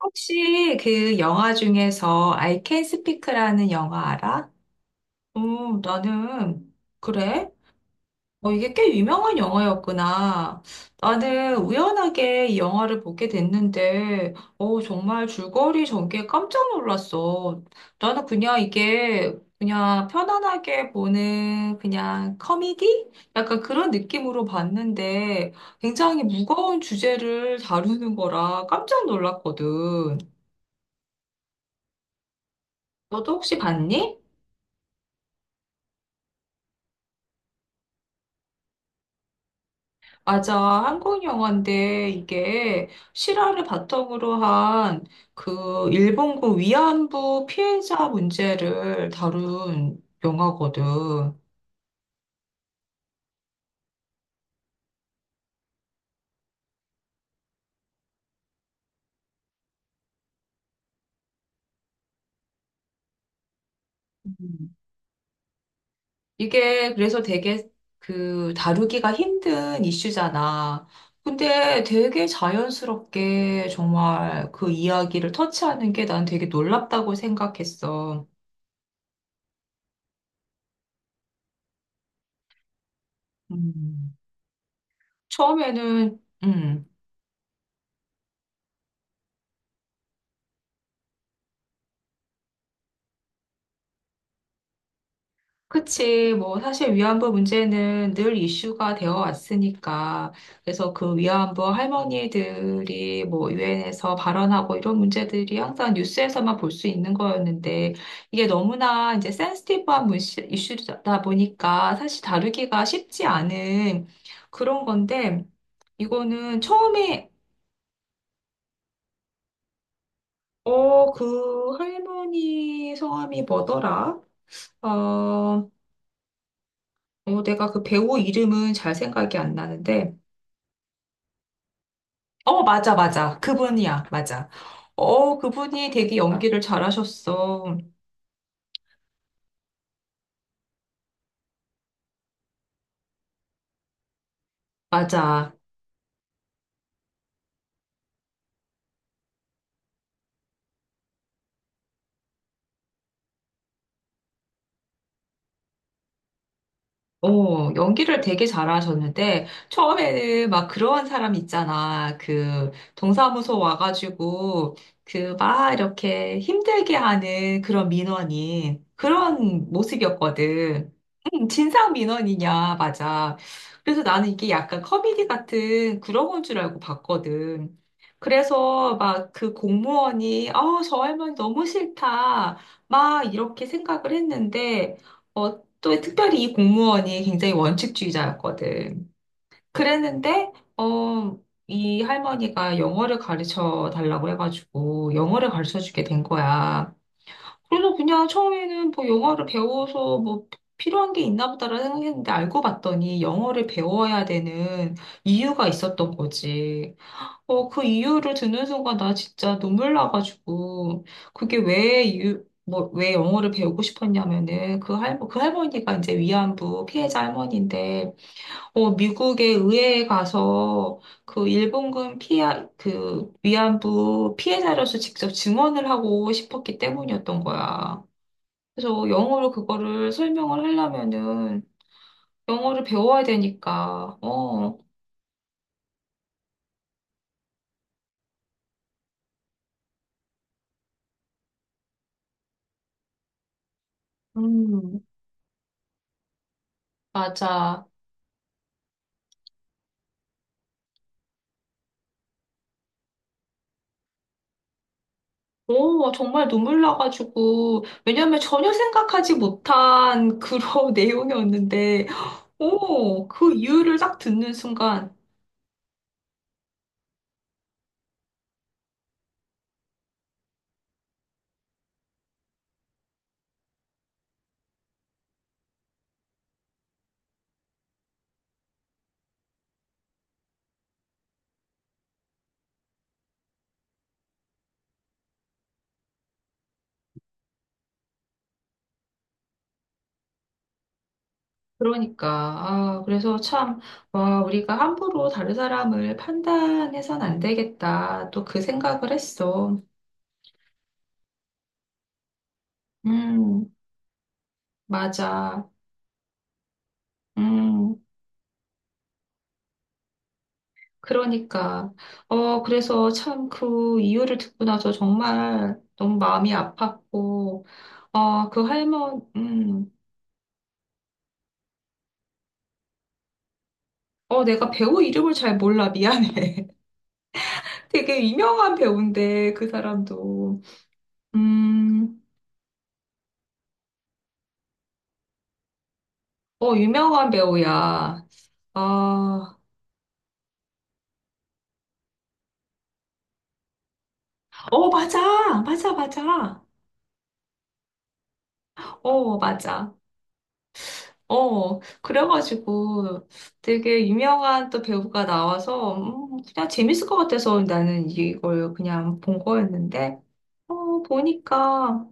혹시 그 영화 중에서 I Can Speak라는 영화 알아? 나는 그래? 이게 꽤 유명한 영화였구나. 나는 우연하게 이 영화를 보게 됐는데, 정말 줄거리 전개에 깜짝 놀랐어. 나는 그냥 이게 그냥 편안하게 보는 그냥 커미디? 약간 그런 느낌으로 봤는데, 굉장히 무거운 주제를 다루는 거라 깜짝 놀랐거든. 너도 혹시 봤니? 맞아. 한국 영화인데 이게 실화를 바탕으로 한 그 일본군 위안부 피해자 문제를 다룬 영화거든. 음. 이게 그래서 되게 그 다루기가 힘든 이슈잖아. 근데 되게 자연스럽게 정말 그 이야기를 터치하는 게 난 되게 놀랍다고 생각했어. 음. 처음에는 그치. 뭐, 사실 위안부 문제는 늘 이슈가 되어 왔으니까. 그래서 그 위안부 할머니들이 뭐, 유엔에서 발언하고 이런 문제들이 항상 뉴스에서만 볼 수 있는 거였는데, 이게 너무나 이제 센시티브한 이슈다 보니까 사실 다루기가 쉽지 않은 그런 건데, 이거는 처음에, 그 할머니 성함이 뭐더라? 어, 어, 내가 그 배우 이름은 잘 생각이 안 나는데, 어, 맞아, 맞아. 그분이야, 맞아. 그분이 되게 연기를 잘하셨어. 맞아. 연기를 되게 잘하셨는데, 처음에는 막 그런 사람 있잖아. 그, 동사무소 와가지고, 그, 막 이렇게 힘들게 하는 그런 민원인, 그런 모습이었거든. 진상 민원이냐, 맞아. 그래서 나는 이게 약간 커미디 같은 그런 건 줄 알고 봤거든. 그래서 막 그 공무원이, 아, 저 할머니 너무 싫다. 막 이렇게 생각을 했는데, 또 특별히 이 공무원이 굉장히 원칙주의자였거든. 그랬는데, 어, 이 할머니가 영어를 가르쳐 달라고 해가지고 영어를 가르쳐 주게 된 거야. 그래서 그냥 처음에는 뭐 영어를 배워서 뭐 필요한 게 있나 보다라는 생각했는데 알고 봤더니 영어를 배워야 되는 이유가 있었던 거지. 그 이유를 듣는 순간 나 진짜 눈물 나가지고 그게 왜 이유, 뭐, 왜 영어를 배우고 싶었냐면은 그 할머니가 이제 위안부 피해자 할머니인데 미국의 의회에 가서 그 일본군 피해, 그 위안부 피해자로서 직접 증언을 하고 싶었기 때문이었던 거야. 그래서 영어로 그거를 설명을 하려면은 영어를 배워야 되니까, 음, 맞아. 오, 정말 눈물 나가지고, 왜냐면 전혀 생각하지 못한 그런 내용이었는데, 오, 그 이유를 딱 듣는 순간, 그러니까, 아, 그래서 참, 와, 우리가 함부로 다른 사람을 판단해선 안 되겠다. 또 그 생각을 했어. 음, 맞아. 음. 그러니까, 그래서 참 그 이유를 듣고 나서 정말 너무 마음이 아팠고, 어, 그 할머니, 내가 배우 이름을 잘 몰라. 미안해. 되게 유명한 배우인데, 그 사람도. 음, 어, 유명한 배우야. 아, 어, 맞아. 맞아, 맞아. 어, 맞아. 그래가지고 되게 유명한 또 배우가 나와서 그냥 재밌을 것 같아서 나는 이걸 그냥 본 거였는데, 어, 보니까,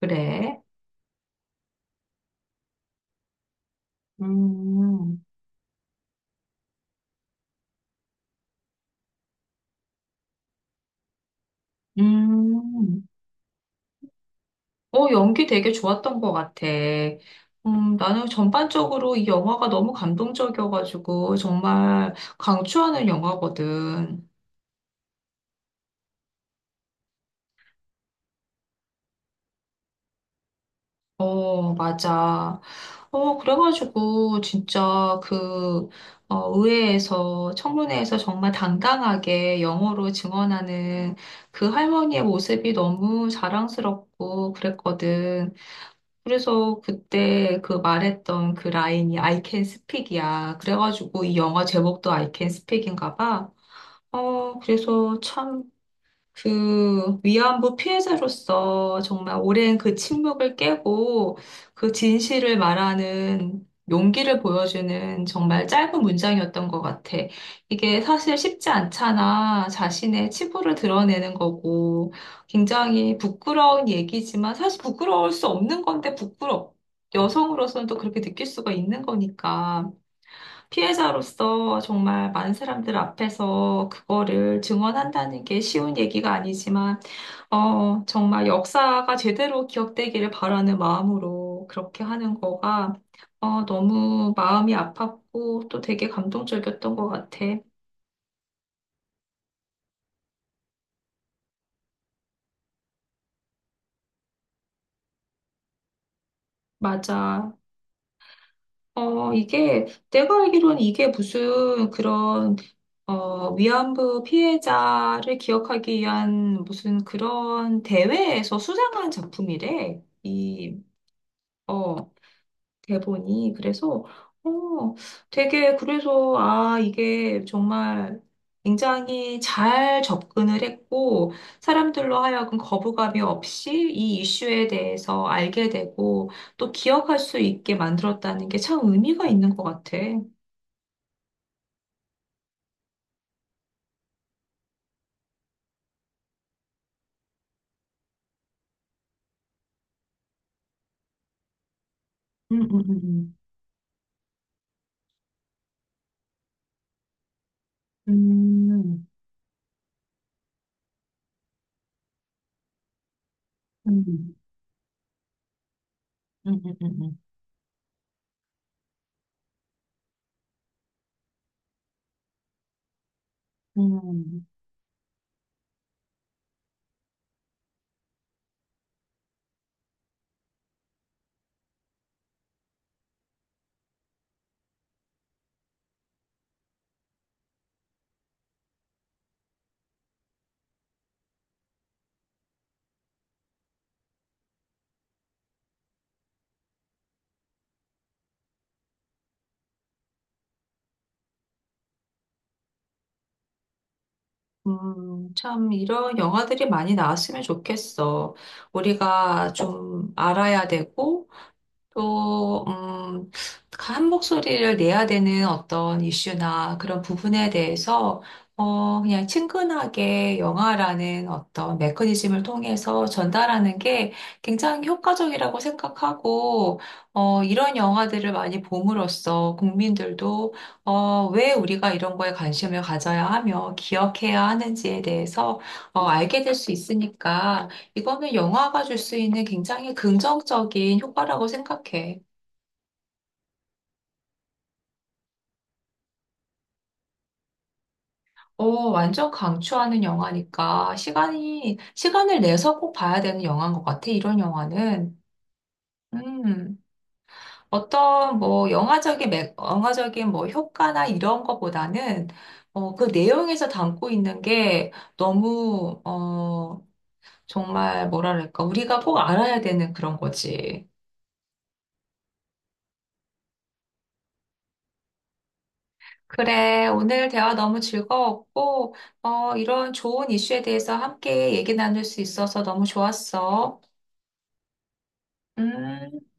그래. 음, 음. 연기 되게 좋았던 것 같아. 나는 전반적으로 이 영화가 너무 감동적이어가지고 정말 강추하는 영화거든. 어, 맞아. 그래가지고, 진짜 그, 의회에서, 청문회에서 정말 당당하게 영어로 증언하는 그 할머니의 모습이 너무 자랑스럽고 그랬거든. 그래서 그때 그 말했던 그 라인이 I can speak이야. 그래가지고 이 영화 제목도 I can speak인가 봐. 그래서 참 그 위안부 피해자로서 정말 오랜 그 침묵을 깨고 그 진실을 말하는 용기를 보여주는 정말 짧은 문장이었던 것 같아. 이게 사실 쉽지 않잖아. 자신의 치부를 드러내는 거고 굉장히 부끄러운 얘기지만 사실 부끄러울 수 없는 건데 부끄럽. 여성으로서는 또 그렇게 느낄 수가 있는 거니까. 피해자로서 정말 많은 사람들 앞에서 그거를 증언한다는 게 쉬운 얘기가 아니지만, 정말 역사가 제대로 기억되기를 바라는 마음으로 그렇게 하는 거가, 너무 마음이 아팠고 또 되게 감동적이었던 것 같아. 맞아. 어, 이게, 내가 알기로는 이게 무슨 그런, 위안부 피해자를 기억하기 위한 무슨 그런 대회에서 수상한 작품이래. 이 어, 대본이. 그래서, 어, 되게, 그래서, 아, 이게 정말 굉장히 잘 접근을 했고, 사람들로 하여금 거부감이 없이 이 이슈에 대해서 알게 되고, 또 기억할 수 있게 만들었다는 게 참 의미가 있는 것 같아. 음, 음, 음, 음, 음, 음, 음, 음, 참, 이런 영화들이 많이 나왔으면 좋겠어. 우리가 좀 알아야 되고, 또, 한 목소리를 내야 되는 어떤 이슈나 그런 부분에 대해서, 그냥 친근하게 영화라는 어떤 메커니즘을 통해서 전달하는 게 굉장히 효과적이라고 생각하고, 이런 영화들을 많이 봄으로써 국민들도, 왜 우리가 이런 거에 관심을 가져야 하며 기억해야 하는지에 대해서, 알게 될 수 있으니까, 이거는 영화가 줄 수 있는 굉장히 긍정적인 효과라고 생각해. 완전 강추하는 영화니까 시간을 내서 꼭 봐야 되는 영화인 것 같아, 이런 영화는. 음, 어떤 뭐 영화적인 뭐 효과나 이런 거보다는 그 내용에서 담고 있는 게 너무, 어, 정말 뭐랄까, 우리가 꼭 알아야 되는 그런 거지. 그래, 오늘 대화 너무 즐거웠고, 이런 좋은 이슈에 대해서 함께 얘기 나눌 수 있어서 너무 좋았어. 음.